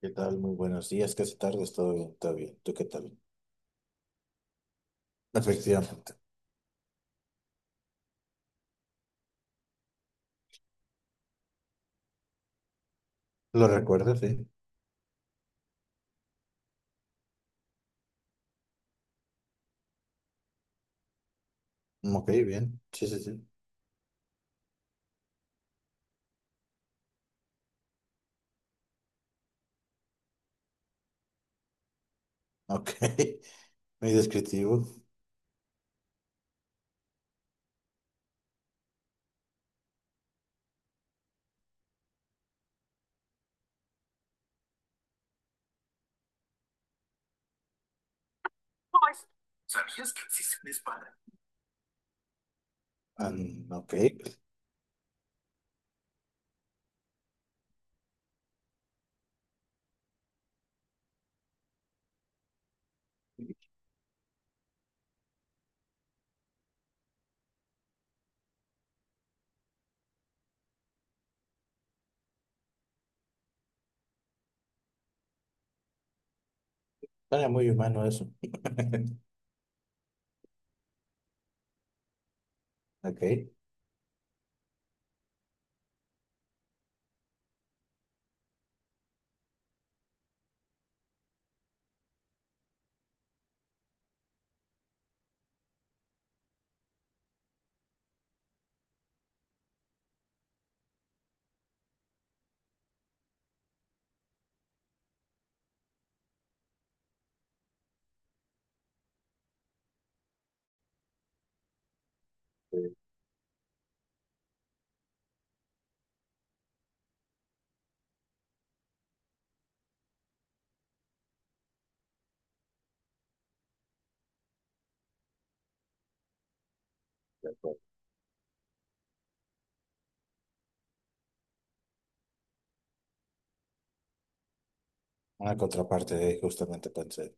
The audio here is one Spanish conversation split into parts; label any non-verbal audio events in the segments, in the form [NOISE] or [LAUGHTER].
¿Qué tal? Muy buenos días, casi tardes, todo bien, todo bien. ¿Tú qué tal? Efectivamente. ¿Lo recuerdas? Sí. Ok, bien. Sí, sí, sí. Ok. [LAUGHS] Muy descriptivo. ¿Sabías que existe un espada? Ah, mm, ok. Suena muy humano eso. [LAUGHS] Ok. Sí, de acuerdo. Una contraparte de justamente pensé.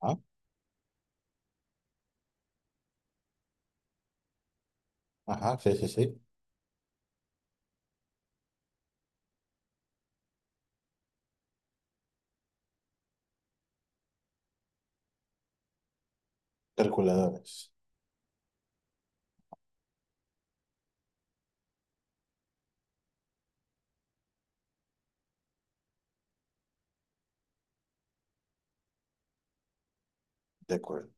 ¿Ah? Ajá, sí, sí, sí. Calculadores. De acuerdo.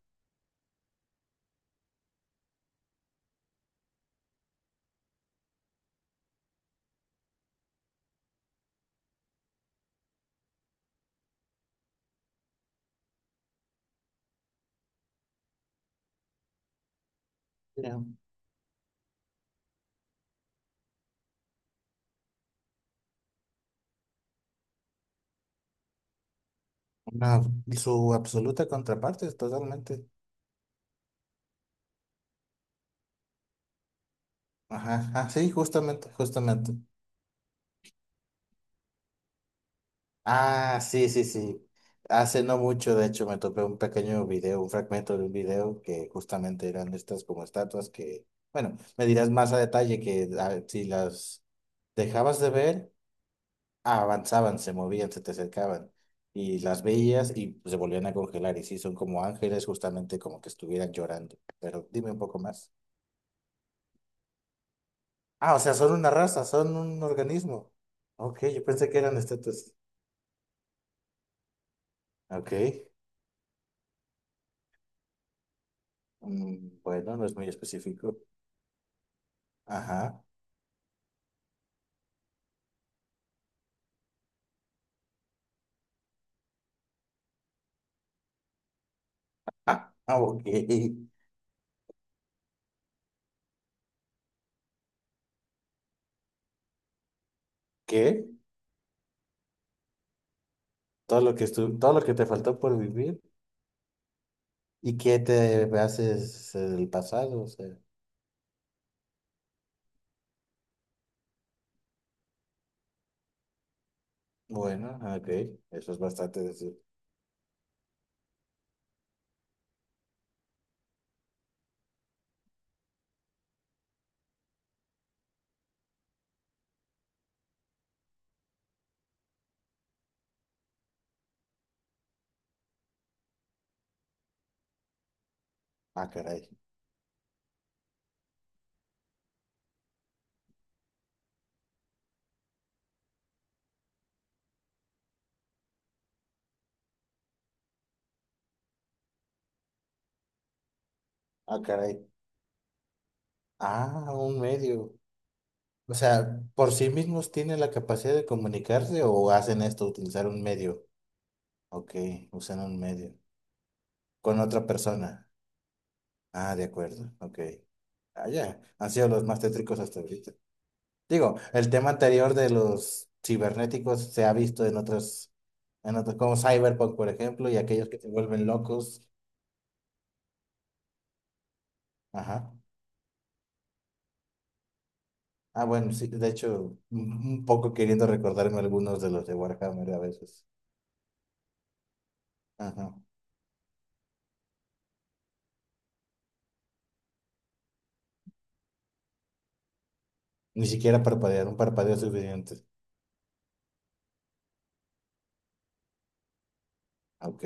Mira, una, su absoluta contraparte es totalmente. Ajá, ah, sí, justamente, justamente. Ah, sí, sí, sí. Hace no mucho, de hecho, me topé un pequeño video, un fragmento de un video que justamente eran estas como estatuas que, bueno, me dirás más a detalle que ah, si las dejabas de ver, ah, avanzaban, se movían, se te acercaban y las veías y se volvían a congelar y sí, son como ángeles, justamente como que estuvieran llorando. Pero dime un poco más. Ah, o sea, son una raza, son un organismo. Ok, yo pensé que eran estatuas. Ok. Bueno, no es muy específico. Ajá. Ah, ah, ok. ¿Qué? Todo lo que te faltó por vivir y qué te haces del pasado, o sea. Bueno, ah, ok. Eso es bastante decir. Ah, caray. Ah, caray. Ah, un medio. O sea, ¿por sí mismos tienen la capacidad de comunicarse o hacen esto, utilizar un medio? Ok, usan un medio. Con otra persona. Ah, de acuerdo. Ok. Ah, ya. Han sido los más tétricos hasta ahorita. Digo, el tema anterior de los cibernéticos se ha visto en otros, como Cyberpunk, por ejemplo, y aquellos que se vuelven locos. Ajá. Ah, bueno, sí, de hecho, un poco queriendo recordarme algunos de los de Warhammer a veces. Ajá. Ni siquiera parpadear, un parpadeo es suficiente. Ah, ok.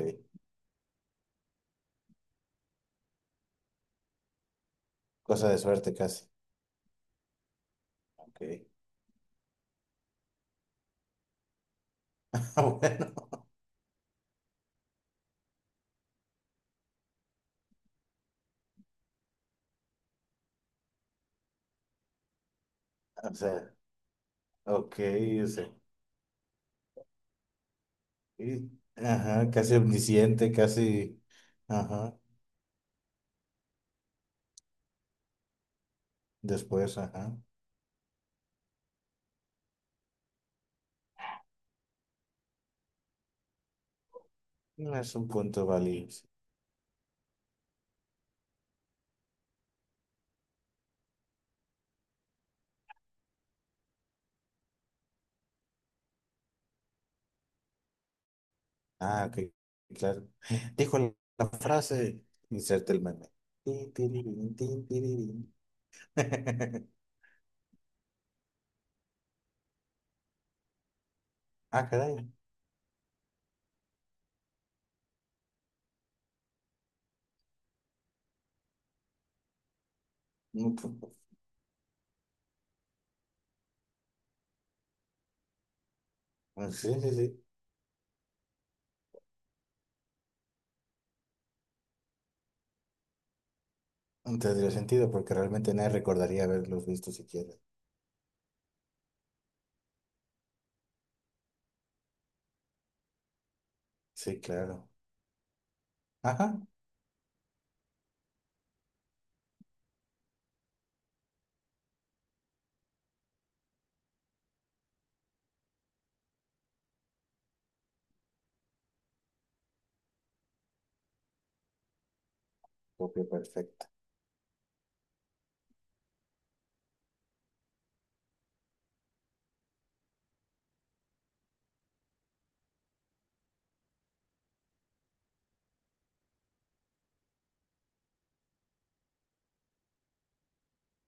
Cosa de suerte casi. Ok. [LAUGHS] Ah, bueno. O sea, ok, o sea, y- ajá, casi omnisciente, casi, ajá, después, ajá. No es un punto válido. Ah, ok, claro. Dijo la frase, inserte el meme. Tin, tirirín, tin, tirirín. [LAUGHS] Ah, caray. Mm, pu- Sí, sí, sí. No tendría sentido porque realmente nadie recordaría haberlos visto siquiera. Sí, claro. Ajá, copia perfecta.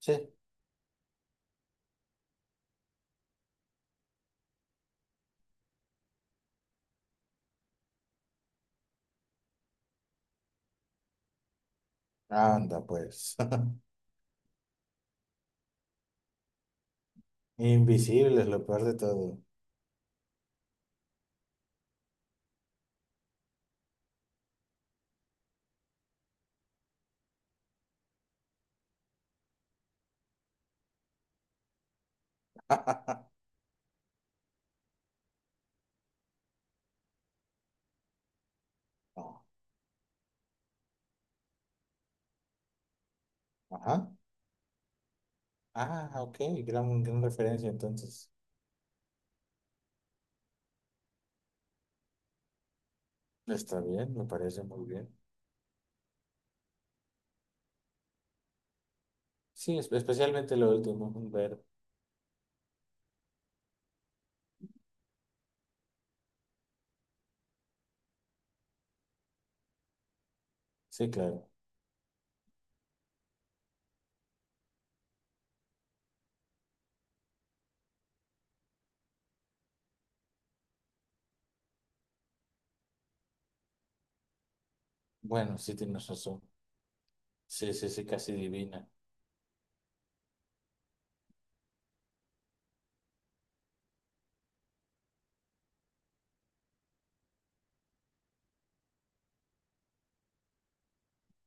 Sí, anda pues. [LAUGHS] Invisible es lo peor de todo. [LAUGHS] No, ajá. Ah, ok, gran, gran referencia entonces. Está bien, me parece muy bien. Sí, es- especialmente lo último, ver. Sí, claro. Bueno, sí tienes razón. Sí, sí, sí, casi divina.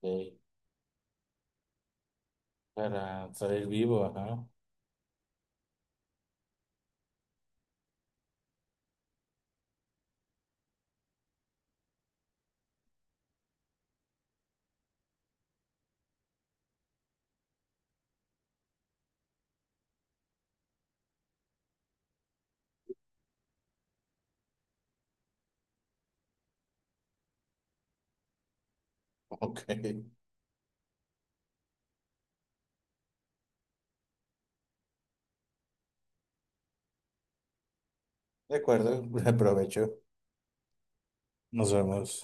Ok. Para salir vivo, ajá. [LAUGHS] Ok. De acuerdo, [LAUGHS] aprovecho. Nos vemos.